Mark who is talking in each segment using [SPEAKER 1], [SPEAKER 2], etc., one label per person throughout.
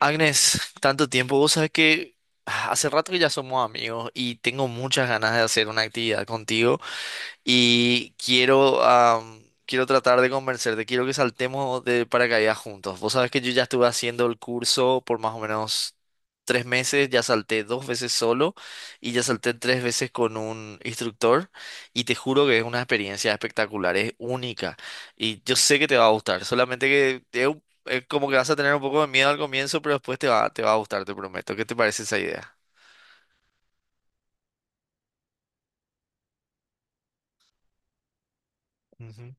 [SPEAKER 1] Agnes, tanto tiempo, vos sabés que hace rato que ya somos amigos y tengo muchas ganas de hacer una actividad contigo y quiero tratar de convencerte, quiero que saltemos de paracaídas juntos. Vos sabés que yo ya estuve haciendo el curso por más o menos 3 meses, ya salté dos veces solo y ya salté tres veces con un instructor y te juro que es una experiencia espectacular, es única y yo sé que te va a gustar, solamente que es como que vas a tener un poco de miedo al comienzo, pero después te va a gustar, te prometo. ¿Qué te parece esa idea? Ujú.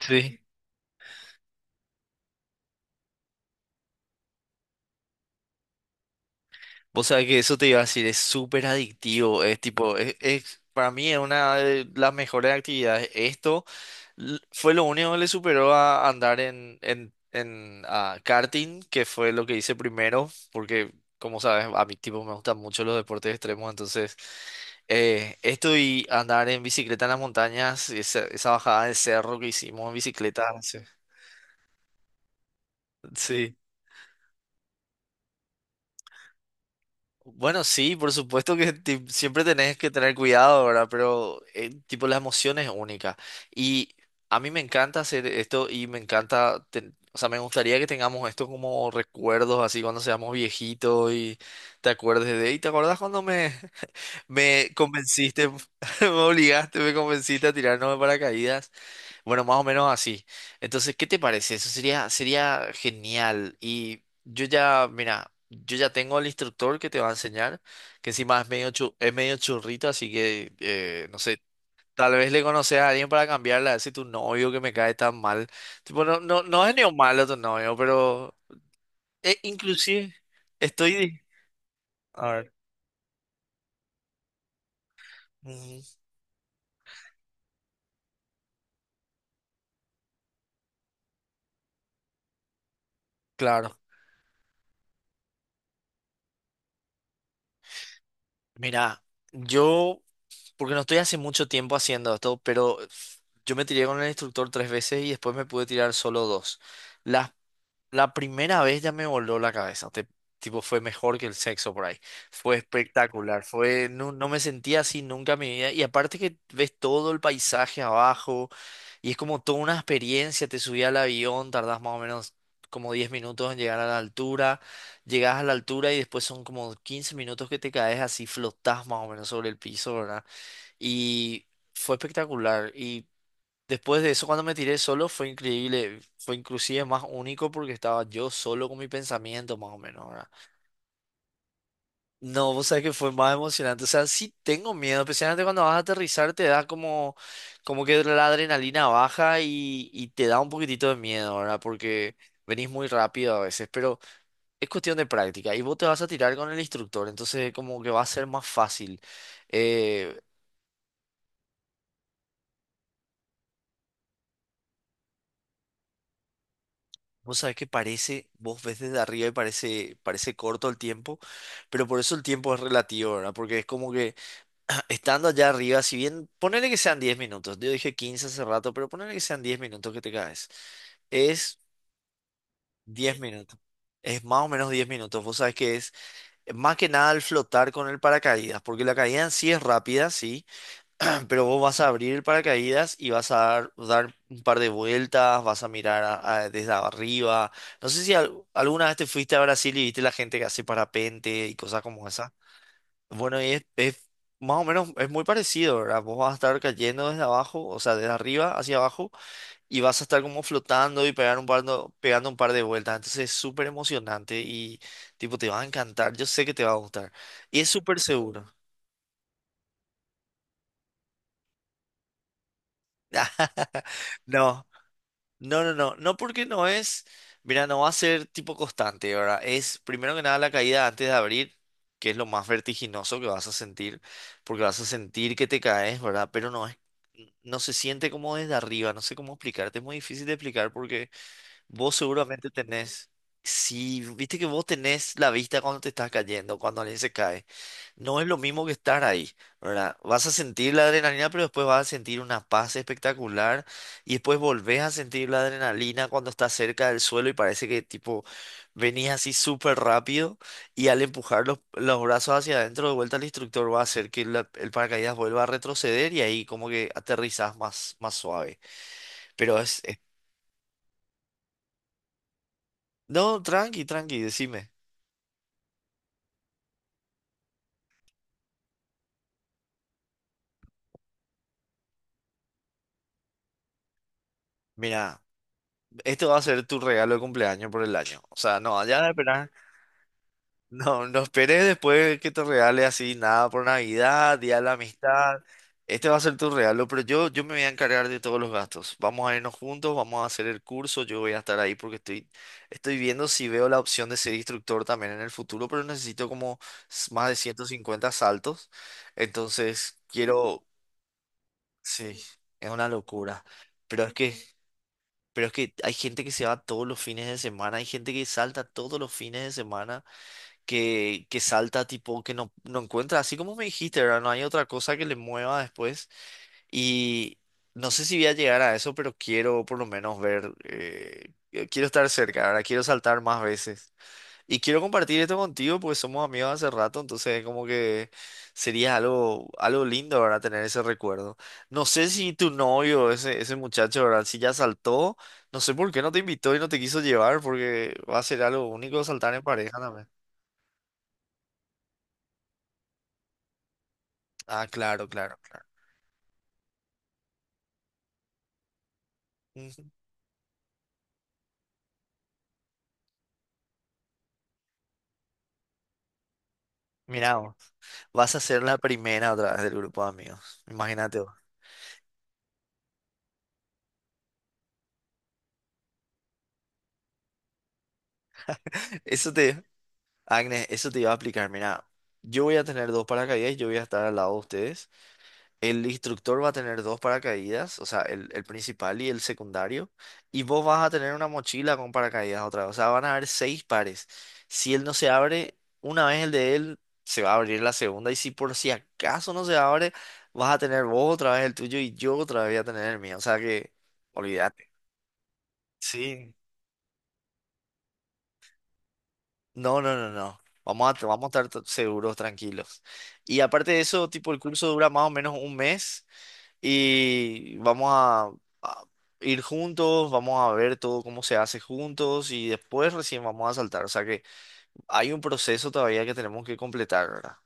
[SPEAKER 1] Sí. Vos sabés que eso te iba a decir, es súper adictivo, es tipo, para mí es una de las mejores actividades. Esto fue lo único que le superó a andar en karting, que fue lo que hice primero, porque como sabes, a mi tipo me gustan mucho los deportes extremos, entonces esto y andar en bicicleta en las montañas, esa bajada del cerro que hicimos en bicicleta, sí. Sí. Bueno, sí, por supuesto que siempre tenés que tener cuidado, ¿verdad? Pero tipo la emoción es única. Y a mí me encanta hacer esto y me encanta, o sea, me gustaría que tengamos esto como recuerdos, así cuando seamos viejitos y te acuerdes de, y te acordás cuando me, me convenciste, me obligaste, me convenciste a tirarnos de paracaídas. Bueno, más o menos así. Entonces, ¿qué te parece? Eso sería, sería genial. Y yo ya, mira, yo ya tengo el instructor que te va a enseñar, que encima es medio, es medio churrito, así que, no sé, tal vez le conoces a alguien para cambiarla, a ver si tu novio que me cae tan mal. Tipo, no, no, no es ni un malo tu novio, pero inclusive estoy. A ver. Ujú. Claro. Mira, yo. Porque no estoy hace mucho tiempo haciendo esto, pero yo me tiré con el instructor tres veces y después me pude tirar solo dos. La, la primera vez ya me voló la cabeza. Tipo, fue mejor que el sexo por ahí. Fue espectacular. Fue, no, no me sentía así nunca en mi vida. Y aparte que ves todo el paisaje abajo y es como toda una experiencia. Te subí al avión, tardás más o menos como 10 minutos en llegar a la altura. Llegás a la altura y después son como 15 minutos que te caes así, flotás más o menos sobre el piso, y fue espectacular. Y después de eso, cuando me tiré solo, fue increíble. Fue inclusive más único porque estaba yo solo con mi pensamiento, más o menos, ¿verdad? No, vos sabés que fue más emocionante. O sea, sí tengo miedo, especialmente cuando vas a aterrizar, te da como que la adrenalina baja y te da un poquitito de miedo, ¿verdad? Porque venís muy rápido a veces, pero es cuestión de práctica. Y vos te vas a tirar con el instructor, entonces como que va a ser más fácil. Eh, Vos sabés que parece, vos ves desde arriba y parece corto el tiempo, pero por eso el tiempo es relativo, ¿verdad? Porque es como que estando allá arriba, si bien, ponele que sean 10 minutos, yo dije 15 hace rato, pero ponele que sean 10 minutos que te caes, es 10 minutos, es más o menos 10 minutos, vos sabés que es más que nada el flotar con el paracaídas, porque la caída en sí es rápida, sí, pero vos vas a abrir paracaídas y vas a dar un par de vueltas, vas a mirar desde arriba. No sé si alguna vez te fuiste a Brasil y viste la gente que hace parapente y cosas como esa. Bueno, y es más o menos, es muy parecido, ¿verdad? Vos vas a estar cayendo desde abajo, o sea, desde arriba hacia abajo, y vas a estar como flotando y pegar un par de- pegando un par de vueltas. Entonces es súper emocionante y tipo, te va a encantar, yo sé que te va a gustar. Y es súper seguro. No. No, no, no, no porque no es, mira, no va a ser tipo constante, ¿verdad? Es primero que nada la caída antes de abrir, que es lo más vertiginoso que vas a sentir, porque vas a sentir que te caes, ¿verdad? Pero no es, no se siente como desde arriba, no sé cómo explicarte, es muy difícil de explicar porque vos seguramente tenés, si viste que vos tenés la vista cuando te estás cayendo, cuando alguien se cae. No es lo mismo que estar ahí, ¿verdad? Vas a sentir la adrenalina, pero después vas a sentir una paz espectacular y después volvés a sentir la adrenalina cuando estás cerca del suelo y parece que tipo venís así súper rápido y al empujar los brazos hacia adentro de vuelta el instructor va a hacer que el paracaídas vuelva a retroceder y ahí como que aterrizás más suave. Pero es... es- No, tranqui, tranqui, decime. Mira, esto va a ser tu regalo de cumpleaños por el año. O sea, no, ya de esperar. No, no esperes después que te regale así nada por Navidad, Día de la Amistad. Este va a ser tu regalo, pero yo me voy a encargar de todos los gastos. Vamos a irnos juntos, vamos a hacer el curso, yo voy a estar ahí porque estoy viendo si veo la opción de ser instructor también en el futuro, pero necesito como más de 150 saltos. Entonces, quiero. Sí, es una locura. Pero es que... Pero es que hay gente que se va todos los fines de semana, hay gente que salta todos los fines de semana, que salta tipo, que no encuentra, así como me dijiste, ¿verdad? No hay otra cosa que le mueva después. Y no sé si voy a llegar a eso, pero quiero por lo menos ver, quiero estar cerca, ¿verdad? Quiero saltar más veces. Y quiero compartir esto contigo porque somos amigos hace rato, entonces como que sería algo, algo lindo, ¿verdad? Tener ese recuerdo. No sé si tu novio, ese muchacho, ¿verdad? Si ya saltó, no sé por qué no te invitó y no te quiso llevar porque va a ser algo único saltar en pareja también. Ah, claro, claro, claro. Ujú. Mirá, vos, vas a ser la primera otra vez del grupo de amigos. Imagínate vos. Eso te, Agnes, eso te iba a explicar. Mira, yo voy a tener dos paracaídas y yo voy a estar al lado de ustedes. El instructor va a tener dos paracaídas, o sea, el principal y el secundario, y vos vas a tener una mochila con paracaídas otra vez, o sea, van a haber seis pares. Si él no se abre, una vez el de él, se va a abrir la segunda, y si por si acaso no se abre, vas a tener vos otra vez el tuyo y yo otra vez voy a tener el mío, o sea que, olvídate. Sí. No, no, no, no. Vamos a estar seguros, tranquilos. Y aparte de eso, tipo, el curso dura más o menos un mes. Y vamos a ir juntos, vamos a ver todo cómo se hace juntos y después recién vamos a saltar. O sea que hay un proceso todavía que tenemos que completar, ¿verdad?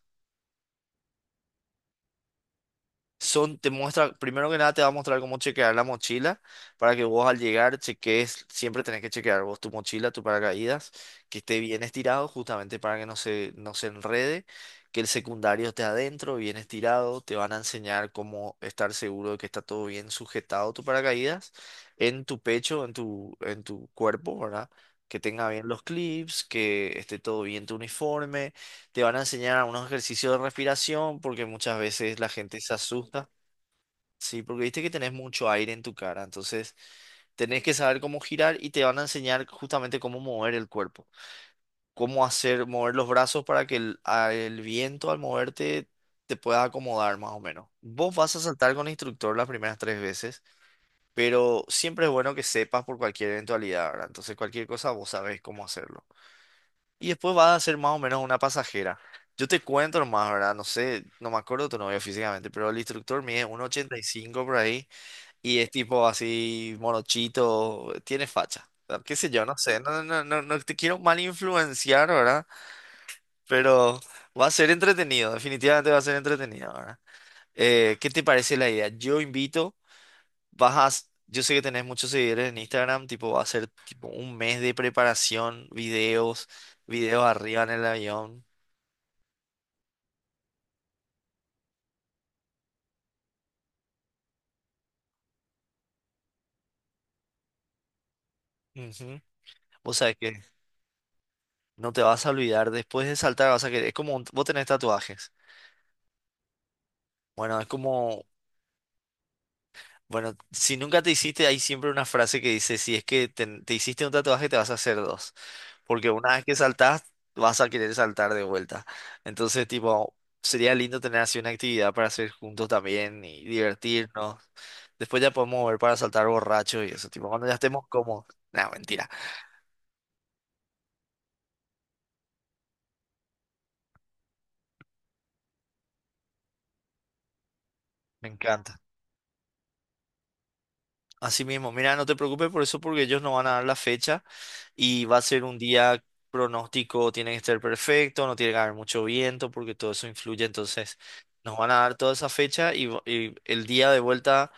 [SPEAKER 1] Son, te muestra, primero que nada te va a mostrar cómo chequear la mochila para que vos al llegar cheques, siempre tenés que chequear vos tu mochila, tu paracaídas, que esté bien estirado justamente para que no se enrede, que el secundario esté adentro, bien estirado, te van a enseñar cómo estar seguro de que está todo bien sujetado tu paracaídas en tu pecho, en tu cuerpo, ¿verdad? Que tenga bien los clips, que esté todo bien tu uniforme, te van a enseñar unos ejercicios de respiración porque muchas veces la gente se asusta, ¿sí? Porque viste que tenés mucho aire en tu cara, entonces tenés que saber cómo girar y te van a enseñar justamente cómo mover el cuerpo, cómo hacer mover los brazos para que el viento al moverte te pueda acomodar más o menos. Vos vas a saltar con el instructor las primeras tres veces, pero siempre es bueno que sepas por cualquier eventualidad, ¿verdad? Entonces cualquier cosa vos sabés cómo hacerlo. Y después va a ser más o menos una pasajera. Yo te cuento nomás, ¿verdad? No sé, no me acuerdo tu novio físicamente, pero el instructor mide 1,85 por ahí y es tipo así morochito, tiene facha. O sea, qué sé yo, no sé, no, no, no, no no te quiero mal influenciar, ¿verdad? Pero va a ser entretenido, definitivamente va a ser entretenido, ¿verdad? ¿Qué te parece la idea? Yo invito, yo sé que tenés muchos seguidores en Instagram, tipo va a ser tipo un mes de preparación, videos arriba en el avión. Ujú. O sabés que no te vas a olvidar, después de saltar vas a querer, es como vos tenés tatuajes. Bueno, es como, bueno, si nunca te hiciste, hay siempre una frase que dice, si es que te hiciste un tatuaje, te vas a hacer dos. Porque una vez que saltás, vas a querer saltar de vuelta. Entonces, tipo, sería lindo tener así una actividad para hacer juntos también y divertirnos. Después ya podemos ver para saltar borracho y eso, tipo, cuando ya estemos como no, mentira, me encanta. Así mismo, mira, no te preocupes por eso porque ellos no van a dar la fecha. Y va a ser un día pronóstico, tiene que estar perfecto, no tiene que haber mucho viento porque todo eso influye, entonces nos van a dar toda esa fecha y el día de vuelta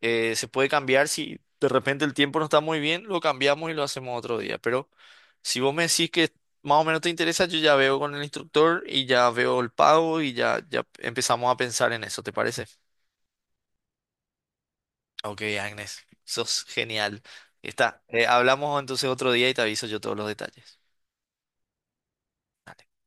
[SPEAKER 1] se puede cambiar si de repente el tiempo no está muy bien, lo cambiamos y lo hacemos otro día, pero si vos me decís que más o menos te interesa, yo ya veo con el instructor y ya veo el pago y ya empezamos a pensar en eso, ¿te parece? Ok, Agnes, sos genial. Está, hablamos entonces otro día y te aviso yo todos los detalles.